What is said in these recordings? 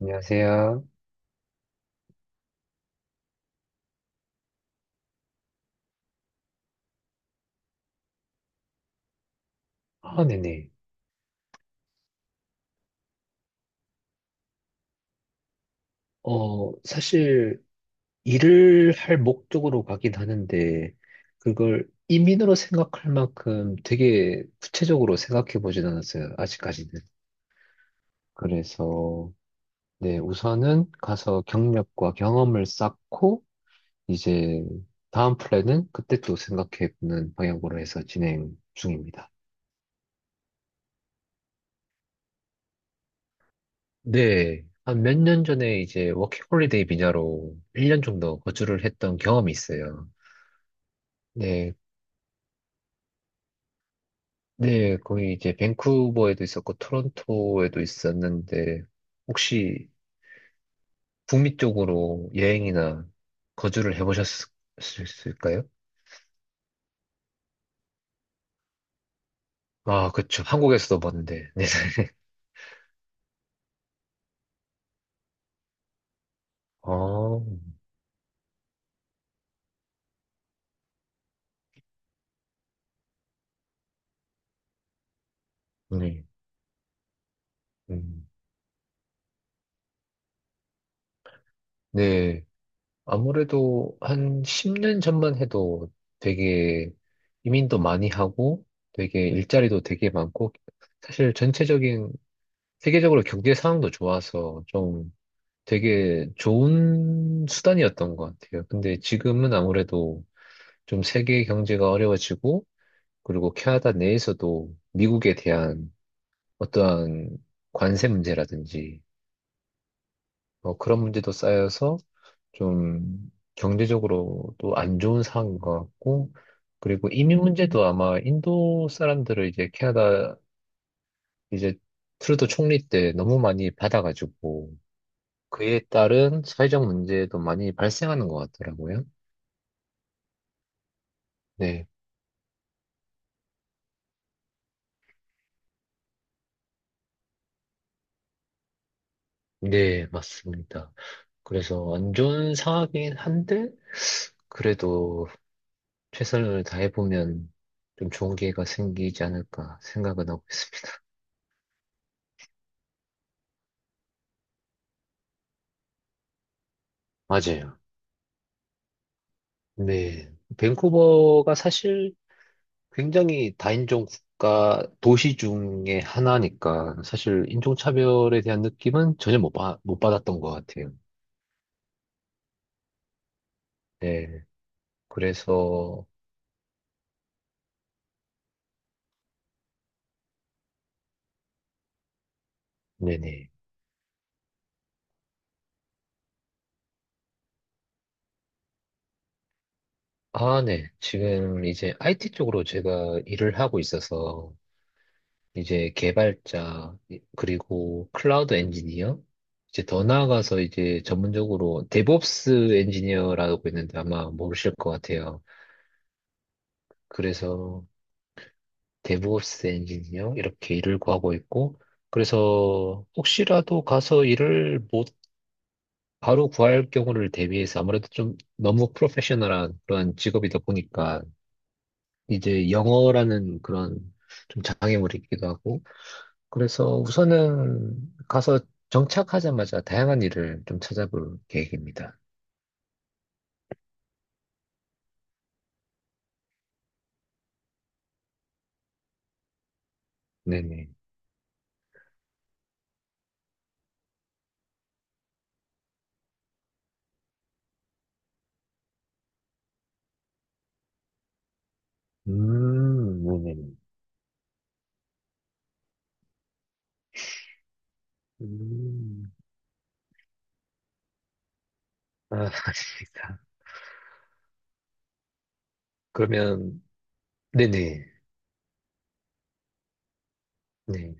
안녕하세요. 아, 네네. 사실 일을 할 목적으로 가긴 하는데 그걸 이민으로 생각할 만큼 되게 구체적으로 생각해 보진 않았어요. 아직까지는. 그래서 네, 우선은 가서 경력과 경험을 쌓고 이제 다음 플랜은 그때 또 생각해 보는 방향으로 해서 진행 중입니다. 네. 한 몇 년 전에 이제 워킹홀리데이 비자로 1년 정도 거주를 했던 경험이 있어요. 네, 네, 거의 이제 밴쿠버에도 있었고 토론토에도 있었는데 혹시 북미 쪽으로 여행이나 거주를 해보셨을까요? 아, 그쵸. 한국에서도 봤는데. 네. 아, 네. 음. 네. 아무래도 한 10년 전만 해도 되게 이민도 많이 하고 되게 일자리도 되게 많고 사실 전체적인 세계적으로 경제 상황도 좋아서 좀 되게 좋은 수단이었던 것 같아요. 근데 지금은 아무래도 좀 세계 경제가 어려워지고, 그리고 캐나다 내에서도 미국에 대한 어떠한 관세 문제라든지, 뭐 그런 문제도 쌓여서 좀 경제적으로도 안 좋은 상황인 것 같고, 그리고 이민 문제도 아마 인도 사람들을 이제 캐나다 이제 트루도 총리 때 너무 많이 받아가지고, 그에 따른 사회적 문제도 많이 발생하는 것 같더라고요. 네, 네, 맞습니다. 그래서 안 좋은 상황이긴 한데, 그래도 최선을 다해보면 좀 좋은 기회가 생기지 않을까 생각은 하고 있어요. 맞아요. 네. 밴쿠버가 사실 굉장히 다인종 국가 도시 중에 하나니까 사실 인종차별에 대한 느낌은 전혀 못 받았던 것 같아요. 네. 그래서, 네네. 아, 네. 지금 이제 IT 쪽으로 제가 일을 하고 있어서 이제 개발자, 그리고 클라우드 엔지니어, 이제 더 나아가서 이제 전문적으로 데브옵스 엔지니어라고 있는데 아마 모르실 것 같아요. 그래서 데브옵스 엔지니어 이렇게 일을 구하고 있고, 그래서 혹시라도 가서 일을 못 바로 구할 경우를 대비해서 아무래도 좀 너무 프로페셔널한 그런 직업이다 보니까 이제 영어라는 그런 좀 장애물이 있기도 하고 그래서 우선은 가서 정착하자마자 다양한 일을 좀 찾아볼 계획입니다. 네네. 네네. 음, 아, 알겠습니다. 그러면, 네네. 네.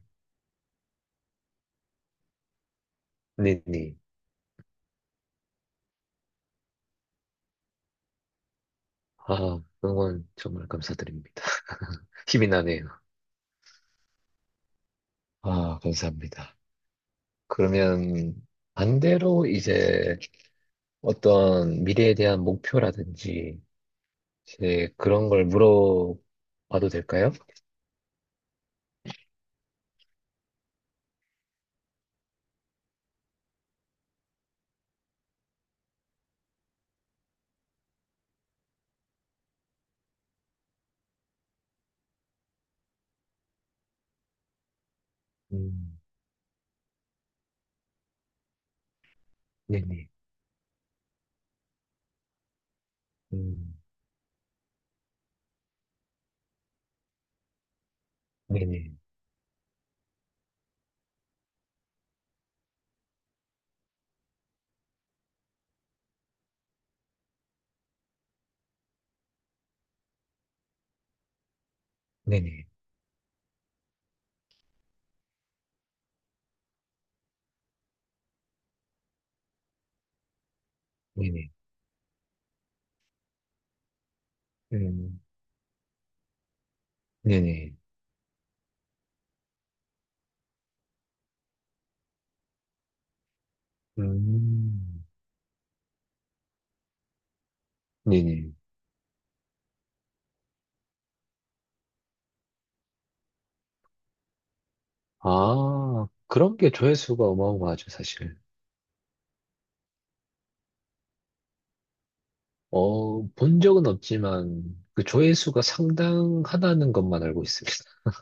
네네. 아, 응원 정말 감사드립니다. 힘이 나네요. 아, 감사합니다. 그러면 반대로 이제 어떤 미래에 대한 목표라든지 이제 그런 걸 물어봐도 될까요? 음, 네네. 음. 네네. 네네. 네네. 음. 네네. 음. 네네. 아, 그런 게 조회수가 어마어마하죠, 사실. 본 적은 없지만, 그 조회수가 상당하다는 것만 알고 있습니다.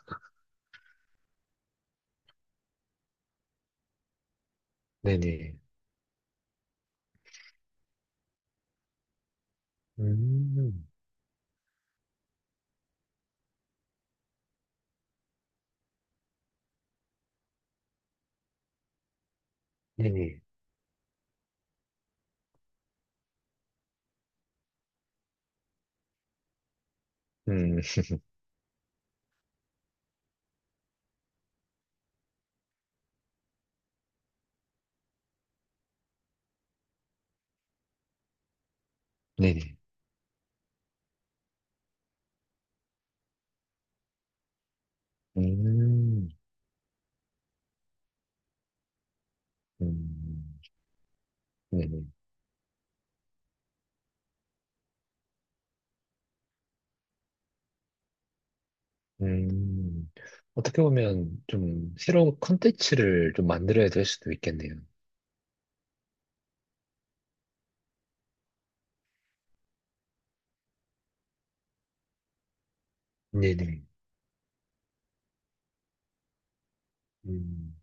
네네. 음. 네네. 음. 네네. 음. 음. 네네. 음. 어떻게 보면 좀 새로운 컨텐츠를 좀 만들어야 될 수도 있겠네요. 네네. 음.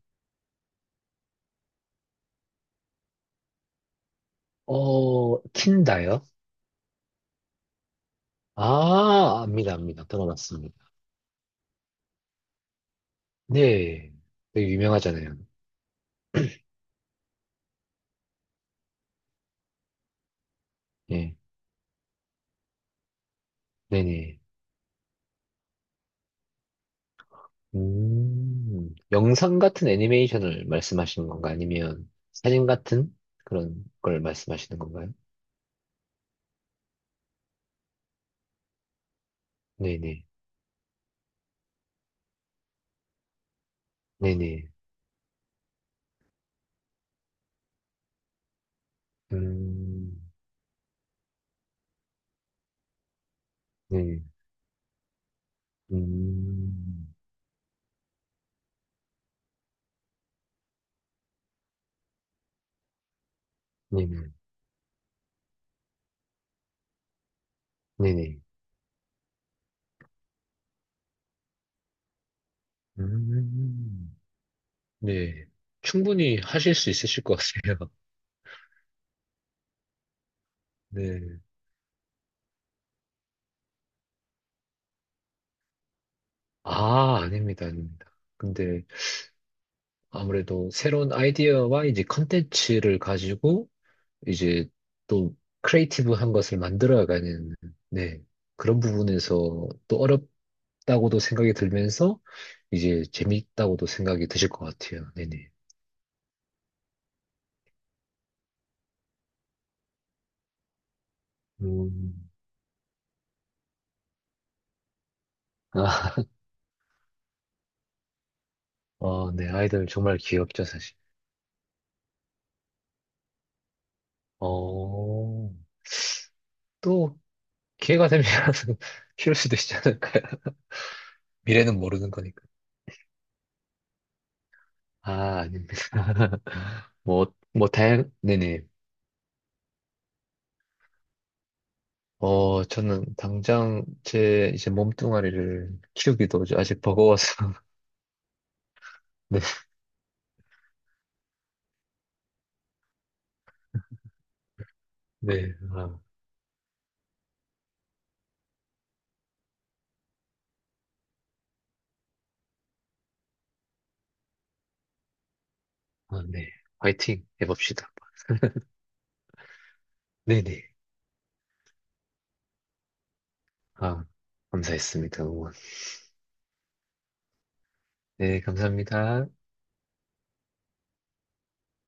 어, 틴다요? 아, 압니다, 압니다. 들어봤습니다. 네. 되게 유명하잖아요. 예. 네네. 영상 같은 애니메이션을 말씀하시는 건가? 아니면 사진 같은 그런 걸 말씀하시는 건가요? 네네. 네네. 음, 네. 음, 네네. 네네. 음, 네. 충분히 하실 수 있으실 것 같아요. 네. 아, 아닙니다, 아닙니다. 근데 아무래도 새로운 아이디어와 이제 컨텐츠를 가지고 이제 또 크리에이티브한 것을 만들어가는 네, 그런 부분에서 또 어렵다고도 생각이 들면서 이제 재밌다고도 생각이 드실 것 같아요. 네네. 음. 아, 어, 네, 아이들 정말 귀엽죠, 사실. 어, 또 기회가 되면 키울 수도 있지 않을까요? 미래는 모르는 거니까. 아, 아닙니다. 뭐, 뭐, 다양, 네네. 저는 당장 제 이제 몸뚱아리를 키우기도 아직 버거워서. 네, 네, 아, 아, 네. 화이팅 해봅시다. 네네. 아, 감사했습니다. 응원. 네, 감사합니다.